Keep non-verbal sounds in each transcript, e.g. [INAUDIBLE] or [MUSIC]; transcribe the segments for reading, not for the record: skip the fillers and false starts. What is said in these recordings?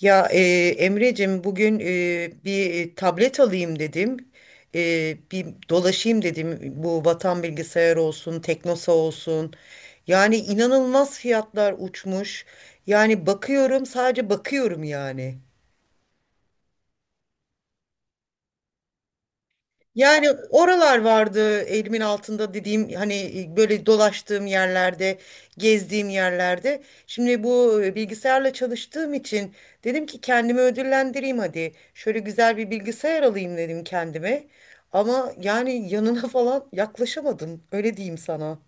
Ya e, Emre'cim bugün bir tablet alayım dedim. Bir dolaşayım dedim. Bu Vatan Bilgisayar olsun, Teknosa olsun. Yani inanılmaz fiyatlar uçmuş. Yani bakıyorum, sadece bakıyorum yani. Yani oralar vardı elimin altında dediğim, hani böyle dolaştığım yerlerde, gezdiğim yerlerde. Şimdi bu bilgisayarla çalıştığım için dedim ki kendimi ödüllendireyim hadi. Şöyle güzel bir bilgisayar alayım dedim kendime. Ama yani yanına [LAUGHS] falan yaklaşamadım. Öyle diyeyim sana.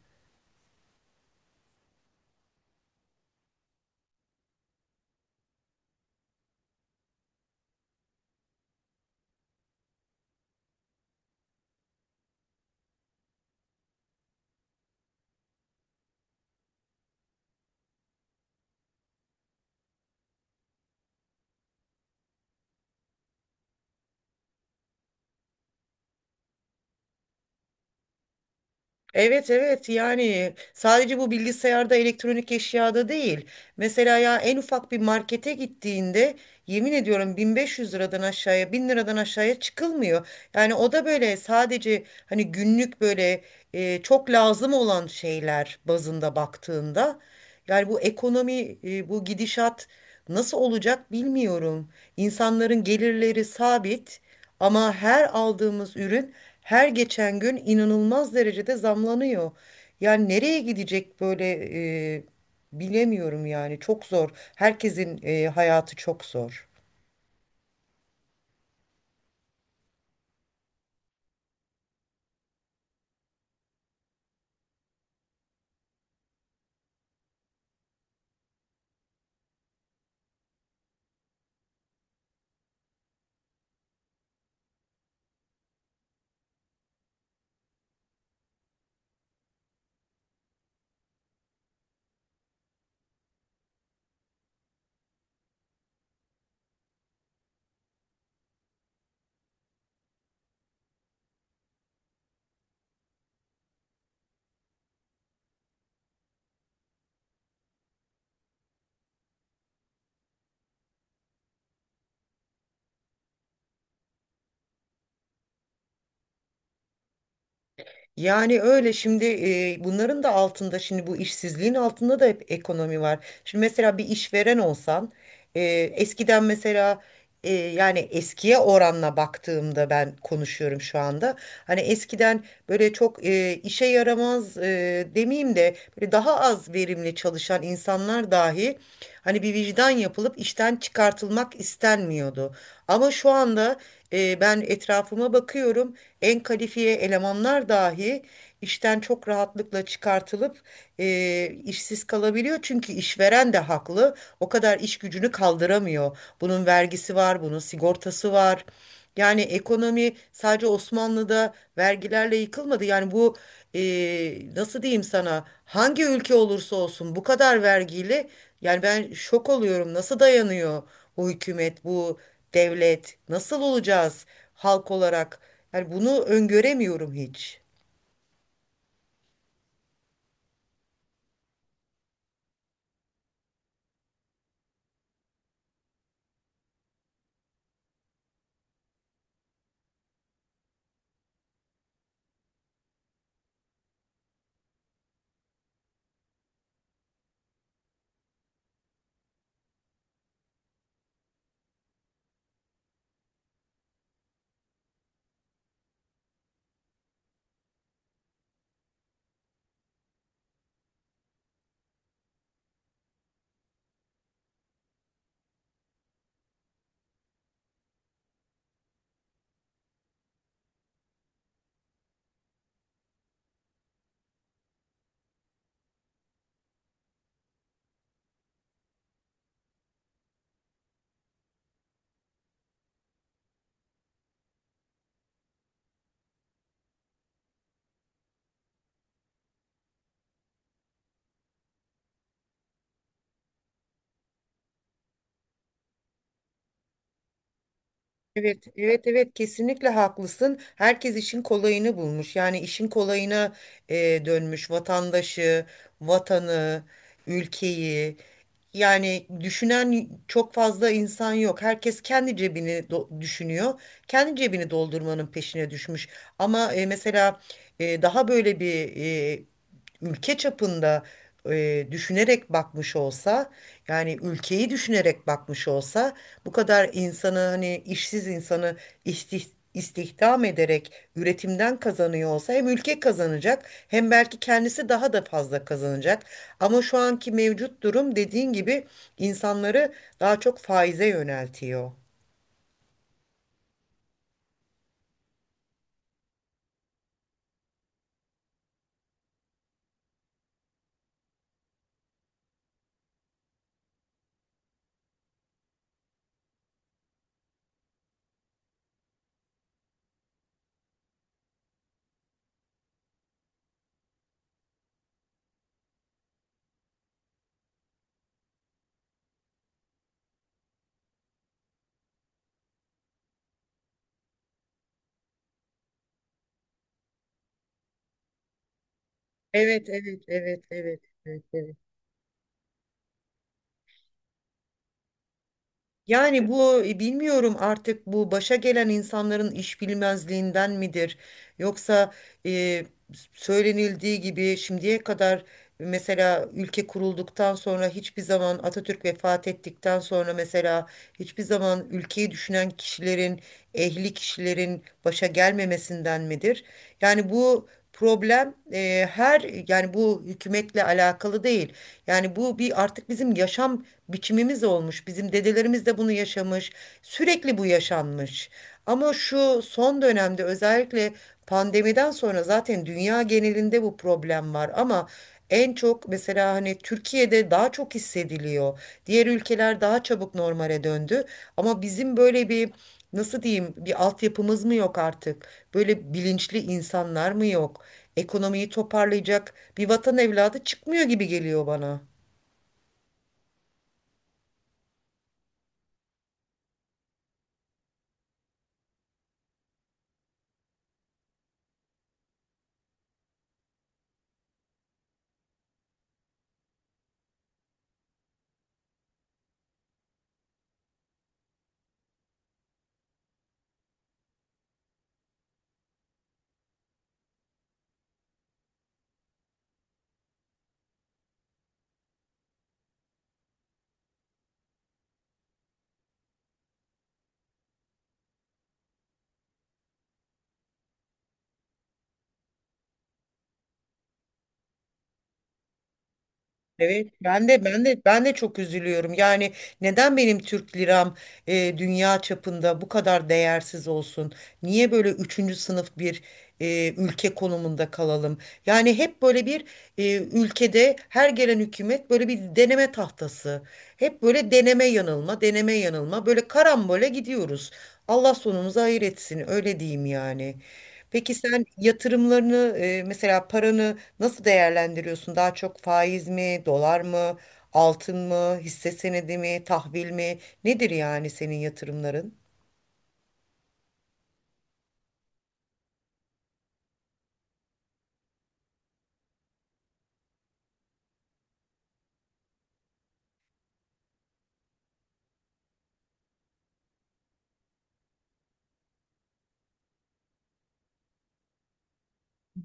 Evet, evet, yani sadece bu bilgisayarda, elektronik eşyada değil. Mesela ya en ufak bir markete gittiğinde yemin ediyorum 1500 liradan aşağıya, 1000 liradan aşağıya çıkılmıyor. Yani o da böyle sadece hani günlük böyle çok lazım olan şeyler bazında baktığında. Yani bu ekonomi, bu gidişat nasıl olacak bilmiyorum. İnsanların gelirleri sabit. Ama her aldığımız ürün her geçen gün inanılmaz derecede zamlanıyor. Yani nereye gidecek böyle, e, bilemiyorum yani, çok zor. Herkesin hayatı çok zor. Yani öyle şimdi, bunların da altında, şimdi bu işsizliğin altında da hep ekonomi var. Şimdi mesela bir işveren olsan, e, eskiden mesela, yani eskiye oranla baktığımda ben konuşuyorum şu anda. Hani eskiden böyle çok işe yaramaz, demeyeyim de böyle daha az verimli çalışan insanlar dahi hani bir vicdan yapılıp işten çıkartılmak istenmiyordu. Ama şu anda ben etrafıma bakıyorum, en kalifiye elemanlar dahi işten çok rahatlıkla çıkartılıp işsiz kalabiliyor. Çünkü işveren de haklı. O kadar iş gücünü kaldıramıyor. Bunun vergisi var, bunun sigortası var. Yani ekonomi sadece Osmanlı'da vergilerle yıkılmadı. Yani bu, e, nasıl diyeyim sana, hangi ülke olursa olsun bu kadar vergiyle, yani ben şok oluyorum, nasıl dayanıyor bu hükümet, bu devlet? Nasıl olacağız halk olarak? Yani bunu öngöremiyorum hiç. Evet, evet, evet, kesinlikle haklısın. Herkes işin kolayını bulmuş. Yani işin kolayına e, dönmüş vatandaşı, vatanı, ülkeyi. Yani düşünen çok fazla insan yok. Herkes kendi cebini düşünüyor. Kendi cebini doldurmanın peşine düşmüş. Ama mesela daha böyle bir, ülke çapında düşünerek bakmış olsa, yani ülkeyi düşünerek bakmış olsa, bu kadar insanı, hani işsiz insanı istih- istihdam ederek üretimden kazanıyor olsa, hem ülke kazanacak hem belki kendisi daha da fazla kazanacak. Ama şu anki mevcut durum, dediğin gibi, insanları daha çok faize yöneltiyor. Evet, evet, evet, evet, evet, evet. Yani bu, bilmiyorum, artık bu başa gelen insanların iş bilmezliğinden midir? Yoksa e, söylenildiği gibi şimdiye kadar, mesela ülke kurulduktan sonra, hiçbir zaman Atatürk vefat ettikten sonra mesela hiçbir zaman ülkeyi düşünen kişilerin, ehli kişilerin başa gelmemesinden midir? Yani bu problem her, yani bu hükümetle alakalı değil. Yani bu bir, artık bizim yaşam biçimimiz olmuş. Bizim dedelerimiz de bunu yaşamış. Sürekli bu yaşanmış. Ama şu son dönemde, özellikle pandemiden sonra zaten dünya genelinde bu problem var, ama en çok mesela hani Türkiye'de daha çok hissediliyor. Diğer ülkeler daha çabuk normale döndü ama bizim böyle bir, nasıl diyeyim, bir altyapımız mı yok artık? Böyle bilinçli insanlar mı yok? Ekonomiyi toparlayacak bir vatan evladı çıkmıyor gibi geliyor bana. Evet, ben de, çok üzülüyorum. Yani neden benim Türk liram dünya çapında bu kadar değersiz olsun? Niye böyle üçüncü sınıf bir ülke konumunda kalalım? Yani hep böyle bir, ülkede her gelen hükümet böyle bir deneme tahtası. Hep böyle deneme yanılma, deneme yanılma. Böyle karambole gidiyoruz. Allah sonumuzu hayır etsin, öyle diyeyim yani. Peki sen yatırımlarını, mesela paranı nasıl değerlendiriyorsun? Daha çok faiz mi, dolar mı, altın mı, hisse senedi mi, tahvil mi? Nedir yani senin yatırımların?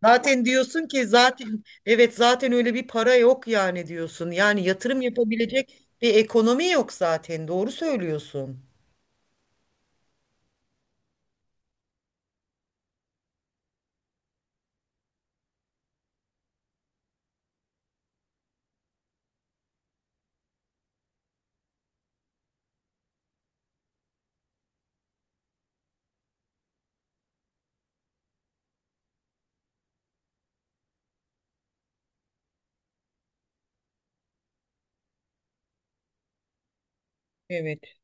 Zaten diyorsun ki, evet, zaten öyle bir para yok yani diyorsun. Yani yatırım yapabilecek bir ekonomi yok zaten. Doğru söylüyorsun. Evet.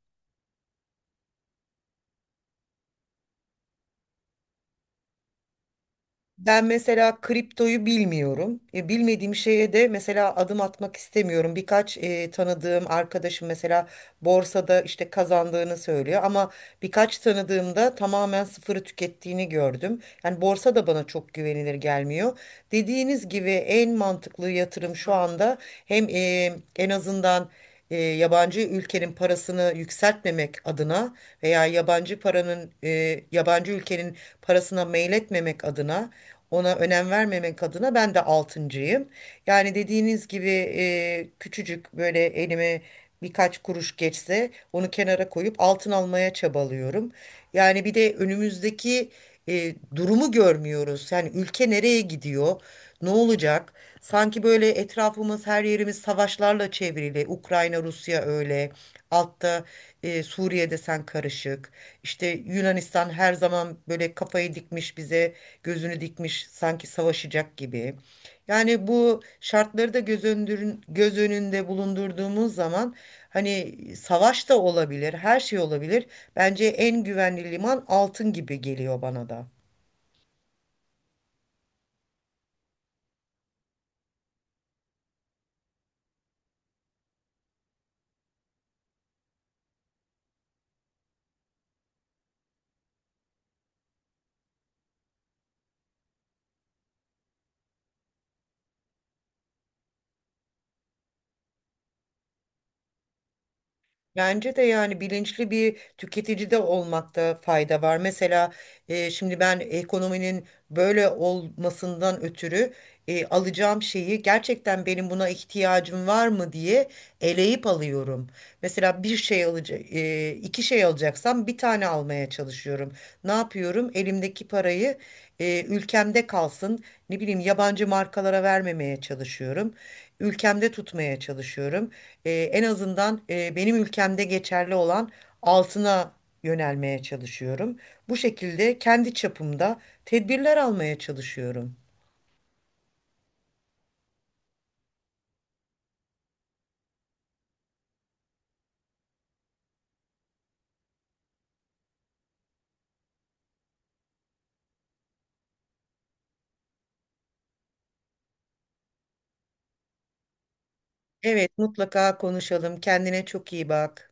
Ben mesela kriptoyu bilmiyorum. E, bilmediğim şeye de mesela adım atmak istemiyorum. Birkaç tanıdığım arkadaşım mesela borsada işte kazandığını söylüyor, ama birkaç tanıdığımda tamamen sıfırı tükettiğini gördüm. Yani borsa da bana çok güvenilir gelmiyor. Dediğiniz gibi en mantıklı yatırım şu anda, hem en azından yabancı ülkenin parasını yükseltmemek adına, veya yabancı paranın yabancı ülkenin parasına meyletmemek adına, ona önem vermemek adına, ben de altıncıyım. Yani dediğiniz gibi küçücük böyle elime birkaç kuruş geçse, onu kenara koyup altın almaya çabalıyorum. Yani bir de önümüzdeki durumu görmüyoruz. Yani ülke nereye gidiyor? Ne olacak? Sanki böyle etrafımız, her yerimiz savaşlarla çevrili. Ukrayna, Rusya öyle. Altta Suriye'de sen karışık. İşte Yunanistan her zaman böyle kafayı dikmiş bize, gözünü dikmiş sanki savaşacak gibi. Yani bu şartları da göz önünde bulundurduğumuz zaman hani savaş da olabilir, her şey olabilir. Bence en güvenli liman altın gibi geliyor bana da. Bence de yani bilinçli bir tüketici de olmakta fayda var. Mesela şimdi ben ekonominin böyle olmasından ötürü alacağım şeyi gerçekten benim buna ihtiyacım var mı diye eleyip alıyorum. Mesela bir şey alacak, iki şey alacaksam bir tane almaya çalışıyorum. Ne yapıyorum? Elimdeki parayı ülkemde kalsın. Ne bileyim, yabancı markalara vermemeye çalışıyorum. Ülkemde tutmaya çalışıyorum, en azından benim ülkemde geçerli olan altına yönelmeye çalışıyorum. Bu şekilde kendi çapımda tedbirler almaya çalışıyorum. Evet, mutlaka konuşalım. Kendine çok iyi bak.